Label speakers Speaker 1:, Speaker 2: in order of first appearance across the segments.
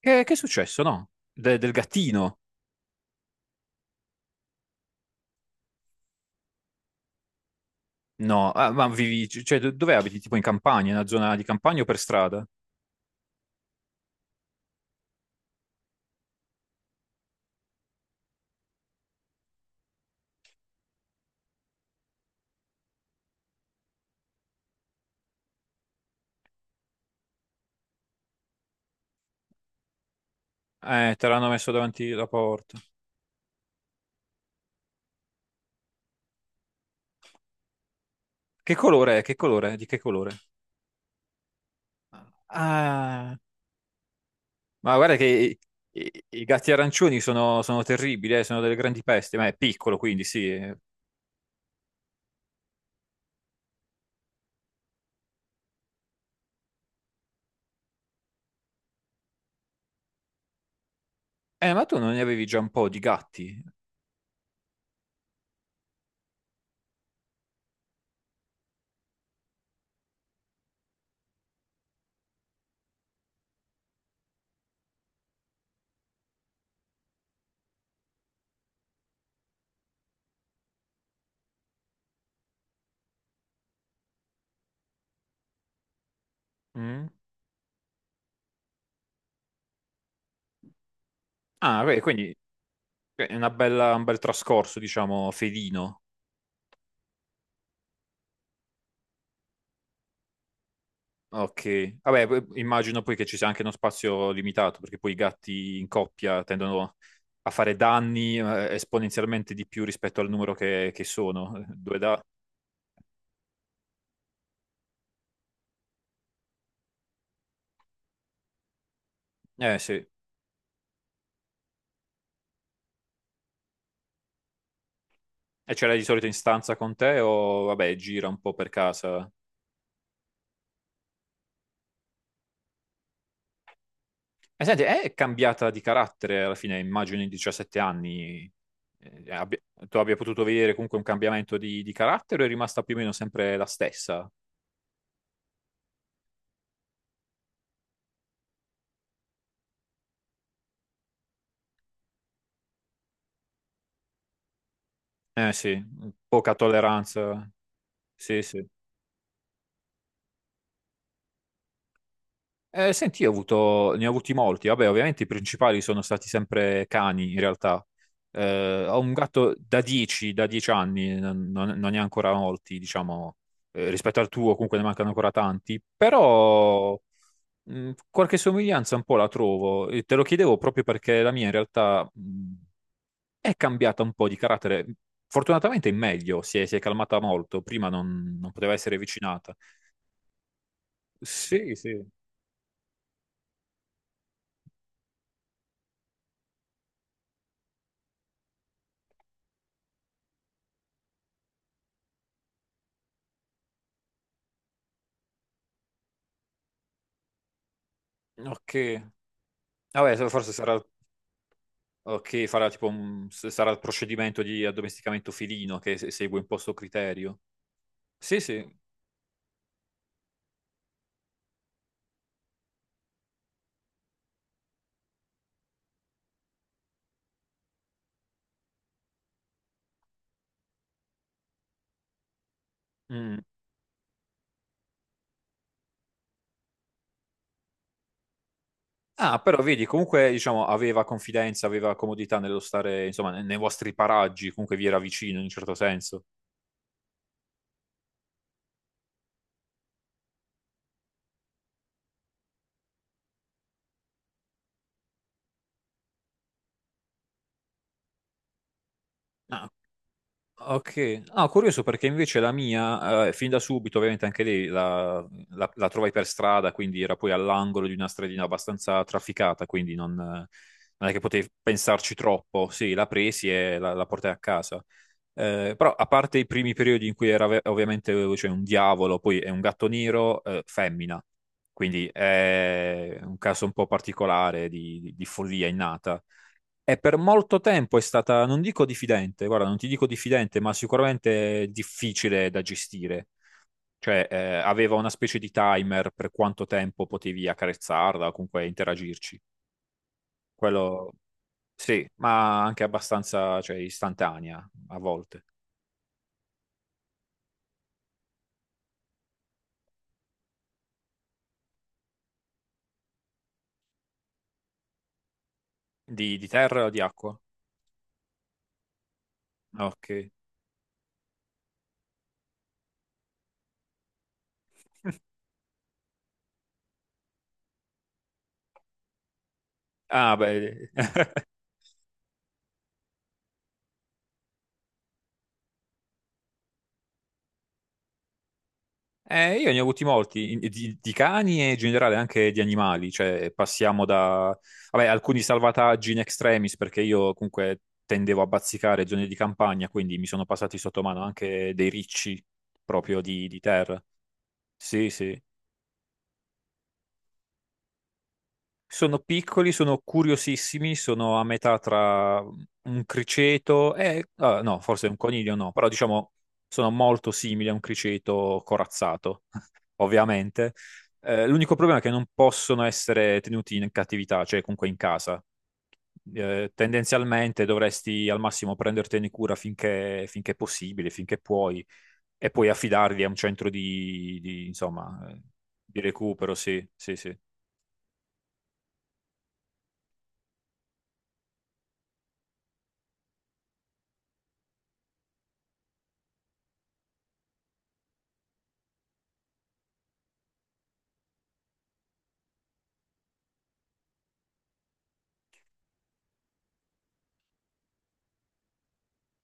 Speaker 1: Che è successo, no? Del gattino? No, ah, ma vivi, cioè, dove abiti? Tipo in campagna, in una zona di campagna o per strada? Te l'hanno messo davanti la porta. Che colore è? Che colore? È? Di che colore? Ah, ma guarda che i gatti arancioni sono terribili, sono delle grandi peste, ma è piccolo quindi sì. Ma tu non ne avevi già un po' di gatti? Mm? Ah, beh, quindi è un bel trascorso, diciamo, felino. Ok, vabbè, immagino poi che ci sia anche uno spazio limitato, perché poi i gatti in coppia tendono a fare danni esponenzialmente di più rispetto al numero che sono. Eh sì, e ce l'hai di solito in stanza con te o vabbè, gira un po' per casa? E senti, è cambiata di carattere alla fine, immagino in 17 anni, eh, abbia- tu abbia potuto vedere comunque un cambiamento di carattere o è rimasta più o meno sempre la stessa? Eh sì, poca tolleranza, sì, sì. Senti, io ho avuto, ne ho avuti molti. Vabbè, ovviamente i principali sono stati sempre cani, in realtà. Ho un gatto da 10 anni, non ne ha ancora molti, diciamo, rispetto al tuo, comunque ne mancano ancora tanti. Però qualche somiglianza un po' la trovo. E te lo chiedevo proprio perché la mia in realtà è cambiata un po' di carattere. Fortunatamente è meglio, si è calmata molto. Prima non poteva essere avvicinata. Sì, sì. Ok, vabbè, forse sarà. Ok, farà tipo sarà il procedimento di addomesticamento felino che segue un po' sto criterio. Sì, sì. Mm. Ah, però vedi, comunque diciamo aveva confidenza, aveva comodità nello stare, insomma, nei vostri paraggi, comunque vi era vicino in un certo senso. Ah, ok. Ah, curioso perché invece la mia, fin da subito, ovviamente anche lei la trovai per strada, quindi era poi all'angolo di una stradina abbastanza trafficata, quindi non è che potevi pensarci troppo. Sì, la presi e la portai a casa. Però a parte i primi periodi in cui era ovviamente cioè, un diavolo, poi è un gatto nero, femmina, quindi è un caso un po' particolare di follia innata. E per molto tempo è stata, non dico diffidente, guarda, non ti dico diffidente, ma sicuramente difficile da gestire. Cioè, aveva una specie di timer per quanto tempo potevi accarezzarla o comunque interagirci. Quello sì, ma anche abbastanza, cioè, istantanea a volte. Di terra o di acqua? Ah, ok. Ah, beh, io ne ho avuti molti, di cani e in generale anche di animali, cioè passiamo da, vabbè, alcuni salvataggi in extremis, perché io comunque tendevo a bazzicare zone di campagna, quindi mi sono passati sotto mano anche dei ricci proprio di terra. Sì, sì. Sono piccoli, sono curiosissimi, sono a metà tra un criceto e, ah, no, forse un coniglio no, però diciamo sono molto simili a un criceto corazzato, ovviamente. L'unico problema è che non possono essere tenuti in cattività, cioè comunque in casa. Tendenzialmente dovresti al massimo prendertene cura finché è possibile, finché puoi, e poi affidarli a un centro di, insomma, di recupero, sì, sì, sì.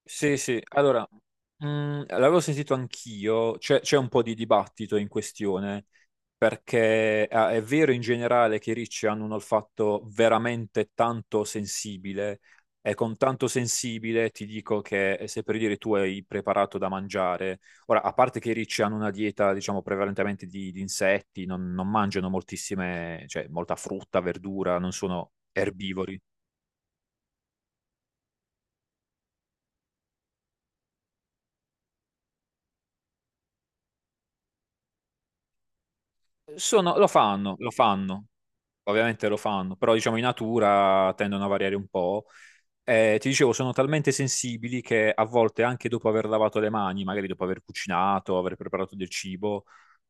Speaker 1: Sì, sì, allora, l'avevo sentito anch'io, c'è un po' di dibattito in questione, perché è vero in generale che i ricci hanno un olfatto veramente tanto sensibile, e con tanto sensibile ti dico che se per dire tu hai preparato da mangiare, ora, a parte che i ricci hanno una dieta, diciamo, prevalentemente di insetti, non mangiano moltissime, cioè molta frutta, verdura, non sono erbivori. Lo fanno, lo fanno, ovviamente lo fanno, però diciamo in natura tendono a variare un po'. Ti dicevo, sono talmente sensibili che a volte anche dopo aver lavato le mani, magari dopo aver cucinato, aver preparato del cibo,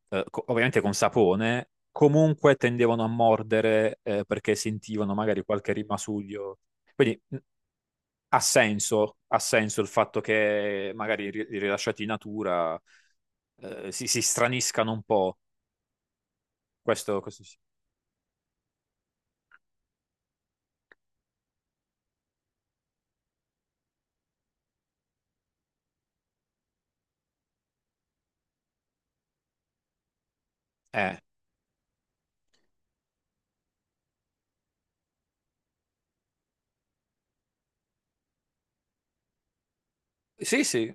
Speaker 1: ovviamente con sapone, comunque tendevano a mordere, perché sentivano magari qualche rimasuglio. Quindi ha senso il fatto che magari rilasciati in natura, si straniscano un po'. Questo sì. Eh. Sì, sì,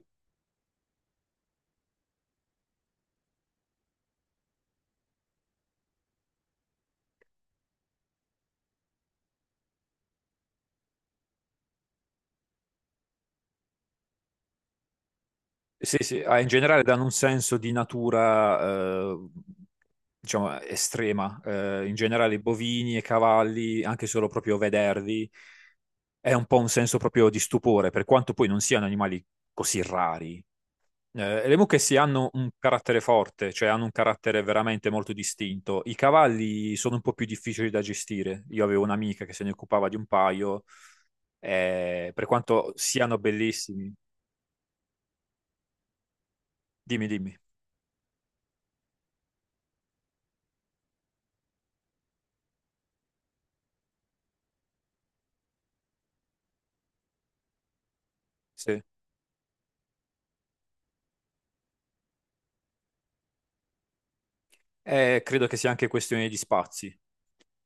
Speaker 1: sì, sì, ah, in generale danno un senso di natura, eh, diciamo, estrema. In generale bovini e cavalli, anche solo proprio vederli, è un po' un senso proprio di stupore, per quanto poi non siano animali così rari. Le mucche sì hanno un carattere forte, cioè hanno un carattere veramente molto distinto. I cavalli sono un po' più difficili da gestire. Io avevo un'amica che se ne occupava di un paio, per quanto siano bellissimi. Dimmi, dimmi. Sì. Credo che sia anche questione di spazi,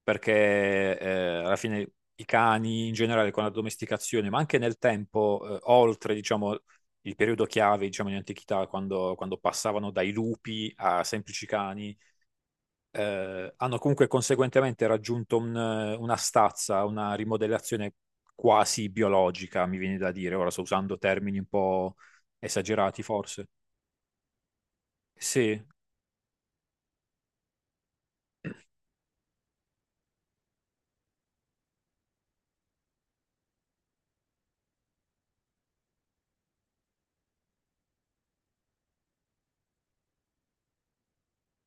Speaker 1: perché alla fine i cani in generale con la domesticazione, ma anche nel tempo, oltre, diciamo, il periodo chiave, diciamo, in antichità, quando passavano dai lupi a semplici cani, hanno comunque conseguentemente raggiunto una stazza, una rimodellazione quasi biologica, mi viene da dire. Ora sto usando termini un po' esagerati, forse. Sì,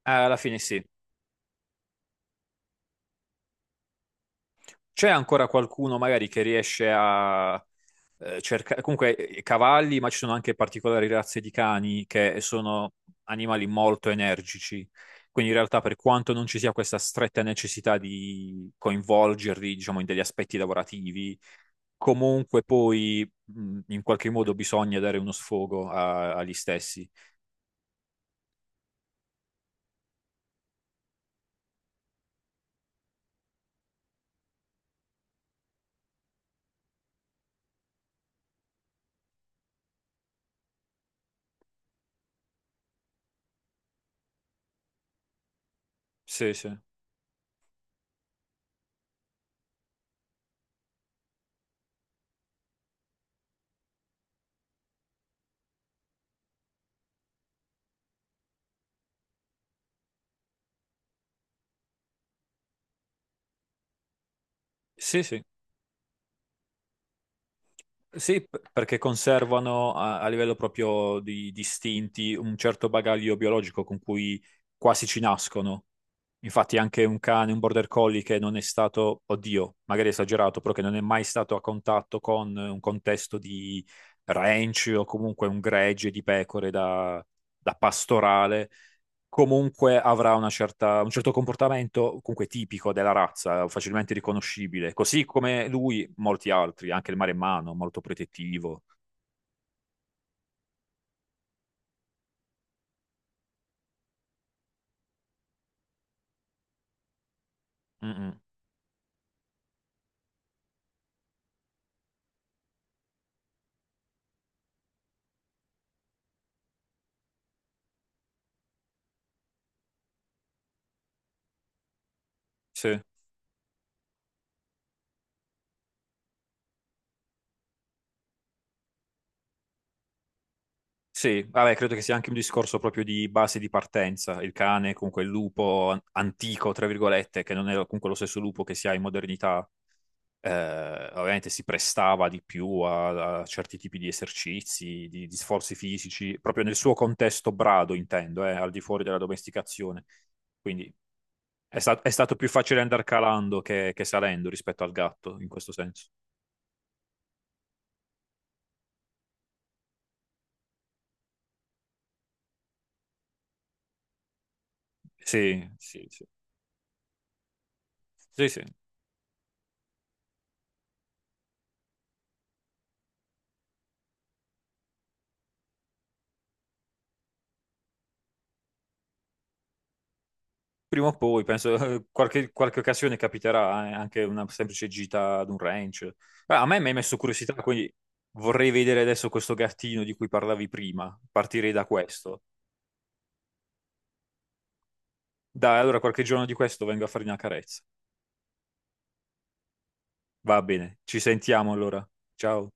Speaker 1: alla fine sì. C'è ancora qualcuno magari che riesce a cercare, comunque cavalli, ma ci sono anche particolari razze di cani che sono animali molto energici. Quindi in realtà per quanto non ci sia questa stretta necessità di coinvolgerli, diciamo, in degli aspetti lavorativi, comunque poi in qualche modo bisogna dare uno sfogo agli stessi. Sì, sì. Sì, sì. Sì, perché conservano a livello proprio di distinti un certo bagaglio biologico con cui quasi ci nascono. Infatti anche un cane, un border collie che non è stato, oddio, magari è esagerato, però che non è mai stato a contatto con un contesto di ranch o comunque un gregge di pecore da pastorale, comunque avrà una un certo comportamento comunque tipico della razza, facilmente riconoscibile, così come lui, molti altri, anche il maremmano, molto protettivo. Mm, mm. Sì. Sì, vabbè, credo che sia anche un discorso proprio di base di partenza. Il cane, comunque il lupo antico, tra virgolette, che non è comunque lo stesso lupo che si ha in modernità. Ovviamente si prestava di più a certi tipi di esercizi, di sforzi fisici, proprio nel suo contesto brado, intendo, al di fuori della domesticazione. Quindi è stato più facile andare calando che salendo rispetto al gatto, in questo senso. Sì, sì, sì. Sì, sì. Prima o poi, penso, qualche occasione capiterà, anche una semplice gita ad un ranch. Ah, a me mi hai messo curiosità, quindi vorrei vedere adesso questo gattino di cui parlavi prima, partirei da questo. Dai, allora qualche giorno di questo vengo a fargli una carezza. Va bene, ci sentiamo allora. Ciao.